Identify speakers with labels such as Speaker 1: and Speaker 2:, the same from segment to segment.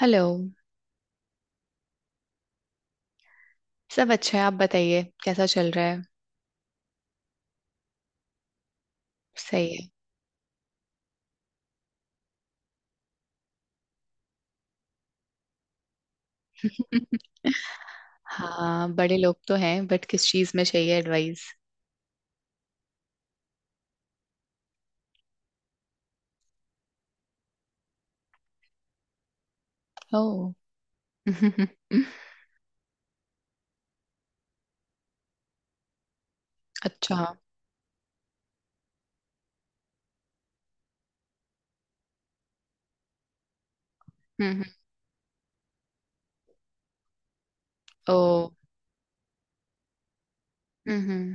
Speaker 1: Hello. सब अच्छा है, आप बताइए कैसा चल रहा है। सही है। हाँ, बड़े लोग तो हैं बट किस चीज में चाहिए एडवाइस। ओ। अच्छा। हम्म। ओ। हम्म।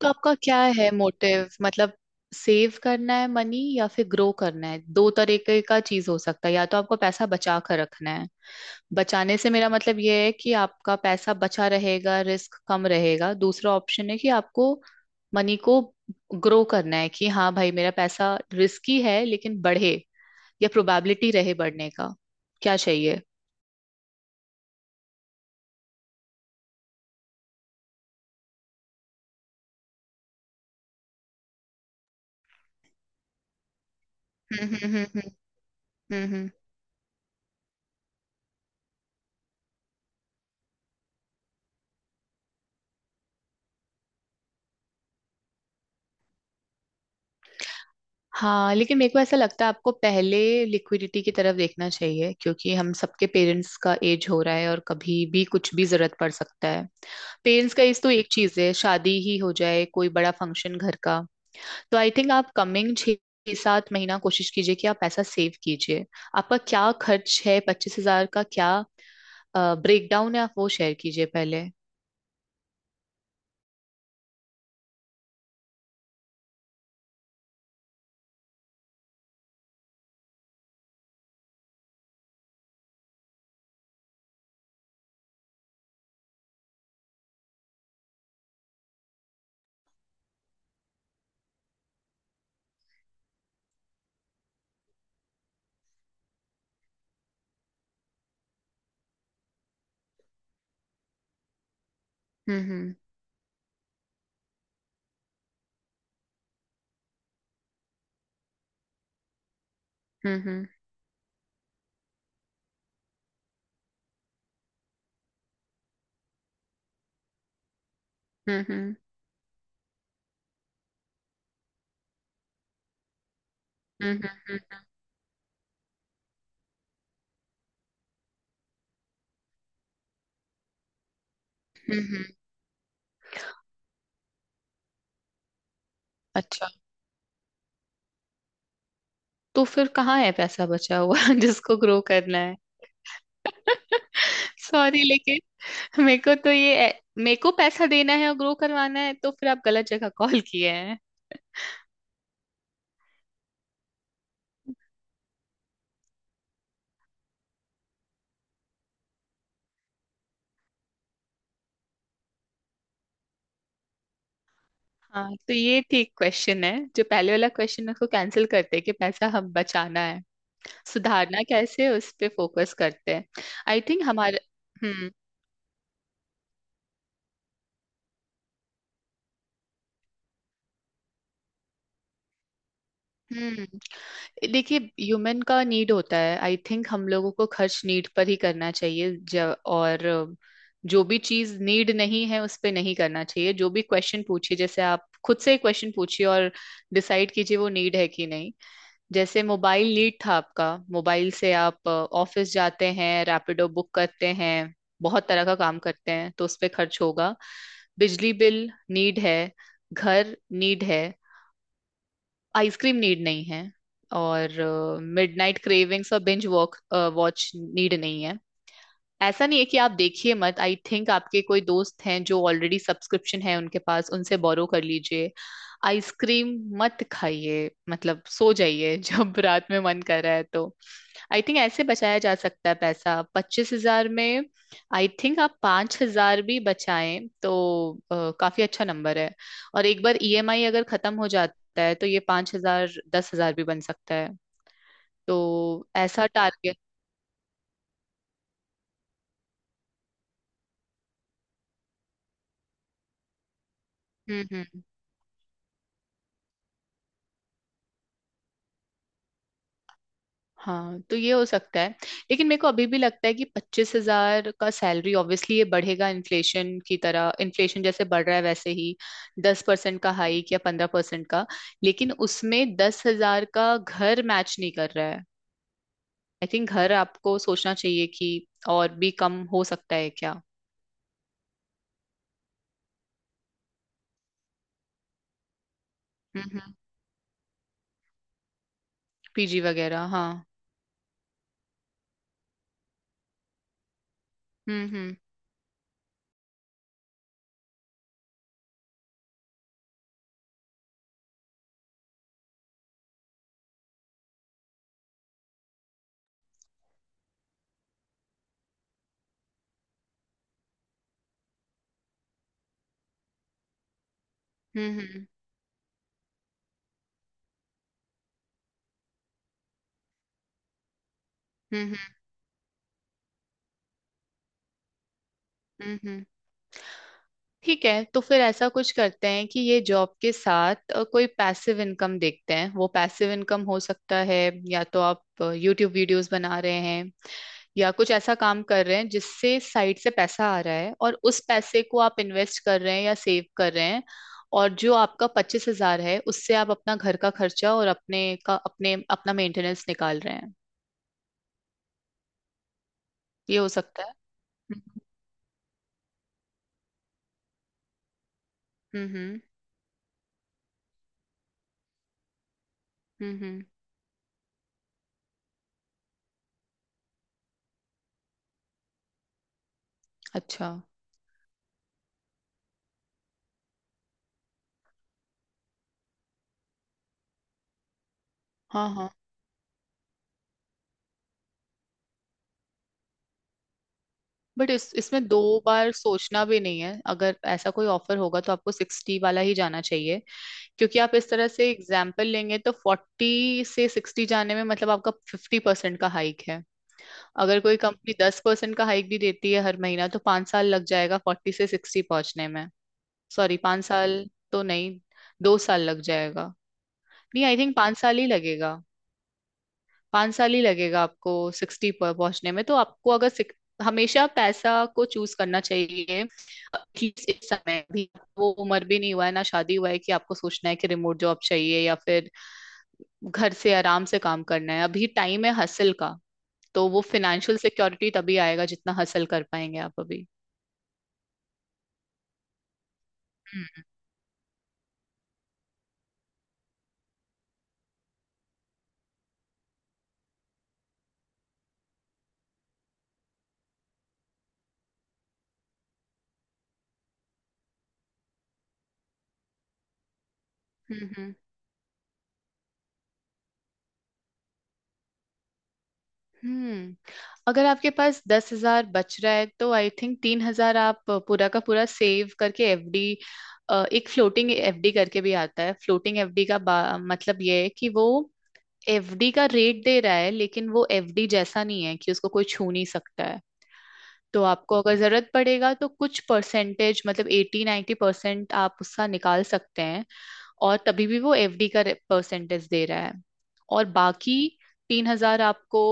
Speaker 1: तो आपका क्या है मोटिव मतलब सेव करना है मनी या फिर ग्रो करना है? दो तरीके का चीज हो सकता है, या तो आपको पैसा बचा कर रखना है। बचाने से मेरा मतलब ये है कि आपका पैसा बचा रहेगा, रिस्क कम रहेगा। दूसरा ऑप्शन है कि आपको मनी को ग्रो करना है कि हाँ भाई मेरा पैसा रिस्की है लेकिन बढ़े, या प्रोबेबिलिटी रहे बढ़ने का। क्या चाहिए? हम्म। हम्म, हम्म। हाँ, लेकिन मेरे को ऐसा लगता है आपको पहले लिक्विडिटी की तरफ देखना चाहिए क्योंकि हम सबके पेरेंट्स का एज हो रहा है और कभी भी कुछ भी जरूरत पड़ सकता है। पेरेंट्स का एज तो एक चीज है, शादी ही हो जाए, कोई बड़ा फंक्शन घर का। तो आई थिंक आप कमिंग 6-7 महीना कोशिश कीजिए कि आप पैसा सेव कीजिए। आपका क्या खर्च है, 25 हजार का क्या ब्रेकडाउन है? आप वो शेयर कीजिए पहले। हम्म हम्म हम्म हम्म हम्म हम्म हम्म हम्म। अच्छा, तो फिर कहाँ है पैसा बचा हुआ जिसको ग्रो करना है? सॉरी, लेकिन मेरे को तो ये, मेरे को पैसा देना है और ग्रो करवाना है तो फिर आप गलत जगह कॉल किए हैं। हाँ, तो ये ठीक क्वेश्चन है। जो पहले वाला क्वेश्चन है उसको कैंसिल करते हैं कि पैसा हम बचाना है, सुधारना कैसे, उस पे फोकस करते हैं। आई थिंक हमारे हम्म हम्म। देखिए, ह्यूमन का नीड होता है। आई थिंक हम लोगों को खर्च नीड पर ही करना चाहिए और जो भी चीज नीड नहीं है उस पे नहीं करना चाहिए। जो भी क्वेश्चन पूछिए, जैसे आप खुद से ही क्वेश्चन पूछिए और डिसाइड कीजिए वो नीड है कि नहीं। जैसे मोबाइल लीड था आपका, मोबाइल से आप ऑफिस जाते हैं, रैपिडो बुक करते हैं, बहुत तरह का काम करते हैं तो उस पे खर्च होगा। बिजली बिल नीड है, घर नीड है, आइसक्रीम नीड नहीं है। और मिडनाइट क्रेविंग्स और बिंज वॉक वॉच नीड नहीं है। ऐसा नहीं है कि आप देखिए मत, आई थिंक आपके कोई दोस्त हैं जो ऑलरेडी सब्सक्रिप्शन है उनके पास, उनसे बोरो कर लीजिए। आइसक्रीम मत खाइए, मतलब सो जाइए जब रात में मन कर रहा है तो। आई थिंक ऐसे बचाया जा सकता है पैसा 25 हजार में। आई थिंक आप 5 हजार भी बचाएं तो काफी अच्छा नंबर है। और एक बार ईएमआई अगर खत्म हो जाता है तो ये 5 हजार 10 हजार भी बन सकता है। तो ऐसा टारगेट। हम्म। हाँ, तो ये हो सकता है। लेकिन मेरे को अभी भी लगता है कि 25 हजार का सैलरी ऑब्वियसली ये बढ़ेगा, इन्फ्लेशन की तरह, इन्फ्लेशन जैसे बढ़ रहा है वैसे ही 10% का हाइक या 15% का। लेकिन उसमें 10 हजार का घर मैच नहीं कर रहा है। आई थिंक घर आपको सोचना चाहिए कि और भी कम हो सकता है क्या। हम्म। पीजी वगैरह, हाँ। हम्म हम्म हम्म हम्म हम्म हम्म। ठीक है, तो फिर ऐसा कुछ करते हैं कि ये जॉब के साथ कोई पैसिव इनकम देखते हैं। वो पैसिव इनकम हो सकता है या तो आप यूट्यूब वीडियोस बना रहे हैं, या कुछ ऐसा काम कर रहे हैं जिससे साइड से पैसा आ रहा है और उस पैसे को आप इन्वेस्ट कर रहे हैं या सेव कर रहे हैं। और जो आपका 25 हजार है उससे आप अपना घर का खर्चा और अपने का अपने अपना मेंटेनेंस निकाल रहे हैं। ये हो सकता है। हम्म हम्म हम्म हम्म, अच्छा। हाँ हाँ। बट इस इसमें दो बार सोचना भी नहीं है। अगर ऐसा कोई ऑफर होगा तो आपको 60 वाला ही जाना चाहिए क्योंकि आप इस तरह से एग्जाम्पल लेंगे तो 40 से 60 जाने में मतलब आपका 50% का हाइक है। अगर कोई कंपनी 10% का हाइक भी देती है हर महीना तो 5 साल लग जाएगा 40 से 60 पहुंचने में। सॉरी, 5 साल तो नहीं, 2 साल लग जाएगा। नहीं, आई थिंक 5 साल ही लगेगा। 5 साल ही लगेगा आपको 60 पर पहुंचने में। तो आपको अगर हमेशा पैसा को चूज करना चाहिए, एटलीस्ट इस समय भी। वो उम्र भी नहीं हुआ है, ना शादी हुआ है कि आपको सोचना है कि रिमोट जॉब चाहिए या फिर घर से आराम से काम करना है। अभी टाइम है हसल का। तो वो फिनेंशियल सिक्योरिटी तभी आएगा जितना हसल कर पाएंगे आप अभी। हम्म हम्म। हम्म। अगर आपके पास 10 हजार बच रहा है तो आई थिंक 3 हजार आप पूरा का पूरा सेव करके एफडी। एक फ्लोटिंग एफडी करके भी आता है। फ्लोटिंग एफडी का मतलब ये है कि वो एफडी का रेट दे रहा है लेकिन वो एफडी जैसा नहीं है कि उसको कोई छू नहीं सकता है। तो आपको अगर जरूरत पड़ेगा तो कुछ परसेंटेज, मतलब 80 90% परसेंट आप उसका निकाल सकते हैं और तभी भी वो एफडी का परसेंटेज दे रहा है। और बाकी 3 हजार आपको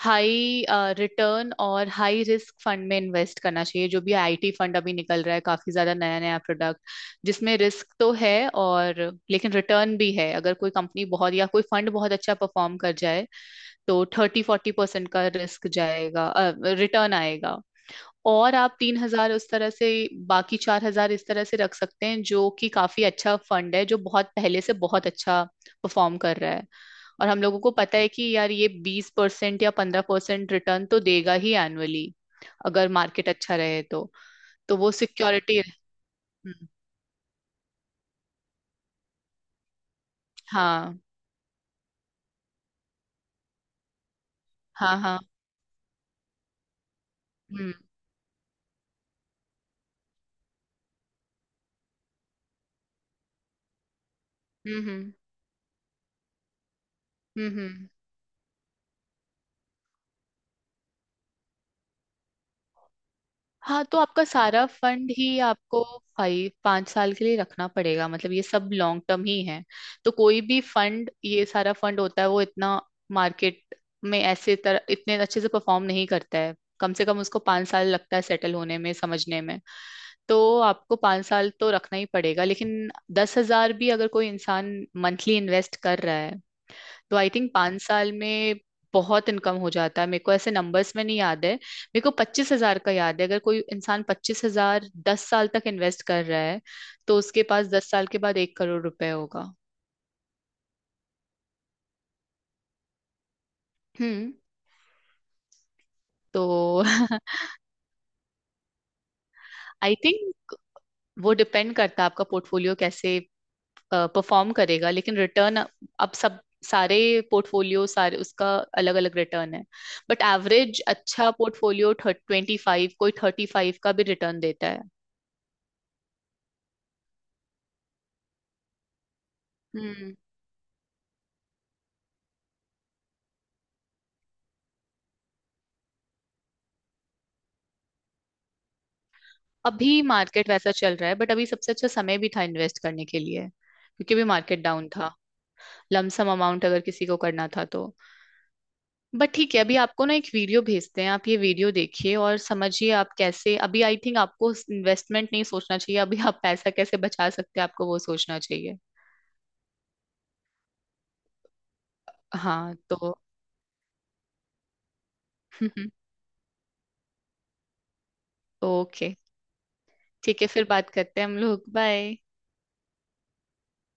Speaker 1: हाई रिटर्न और हाई रिस्क फंड में इन्वेस्ट करना चाहिए, जो भी आईटी फंड अभी निकल रहा है, काफी ज्यादा नया नया प्रोडक्ट जिसमें रिस्क तो है और लेकिन रिटर्न भी है। अगर कोई कंपनी बहुत या कोई फंड बहुत अच्छा परफॉर्म कर जाए तो 30-40% का रिस्क जाएगा, रिटर्न आएगा। और आप 3 हजार उस तरह से, बाकी 4 हजार इस तरह से रख सकते हैं, जो कि काफी अच्छा फंड है, जो बहुत पहले से बहुत अच्छा परफॉर्म कर रहा है और हम लोगों को पता है कि यार ये 20% या पंद्रह परसेंट रिटर्न तो देगा ही एनुअली, अगर मार्केट अच्छा रहे तो। तो वो सिक्योरिटी। हाँ हाँ हाँ। हम्म हम्म हम्म हम्म। हम्म। हाँ, तो आपका सारा फंड ही आपको फाइव पांच साल के लिए रखना पड़ेगा। मतलब ये सब लॉन्ग टर्म ही है। तो कोई भी फंड, ये सारा फंड होता है वो इतना मार्केट में ऐसे तरह इतने अच्छे से परफॉर्म नहीं करता है। कम से कम उसको 5 साल लगता है सेटल होने में, समझने में। तो आपको 5 साल तो रखना ही पड़ेगा, लेकिन 10 हजार भी अगर कोई इंसान मंथली इन्वेस्ट कर रहा है तो आई थिंक 5 साल में बहुत इनकम हो जाता है। मेरे को ऐसे नंबर्स में नहीं याद है, मेरे को 25 हजार का याद है। अगर कोई इंसान 25 हजार 10 साल तक इन्वेस्ट कर रहा है तो उसके पास 10 साल के बाद 1 करोड़ रुपए होगा। हम्म। तो आई थिंक वो डिपेंड करता है आपका पोर्टफोलियो कैसे परफॉर्म करेगा, लेकिन रिटर्न। अब सब सारे पोर्टफोलियो सारे उसका अलग अलग रिटर्न है। बट एवरेज अच्छा पोर्टफोलियो 25, कोई 35 का भी रिटर्न देता है। हम्म। अभी मार्केट वैसा चल रहा है बट अभी सबसे अच्छा समय भी था इन्वेस्ट करने के लिए क्योंकि अभी मार्केट डाउन था। लमसम अमाउंट अगर किसी को करना था तो। बट ठीक है, अभी आपको ना एक वीडियो भेजते हैं, आप ये वीडियो देखिए और समझिए। आप कैसे, अभी आई थिंक आपको इन्वेस्टमेंट नहीं सोचना चाहिए। अभी आप पैसा कैसे बचा सकते हैं, आपको वो सोचना चाहिए। हाँ तो ओके, ठीक है फिर बात करते हैं हम लोग। बाय।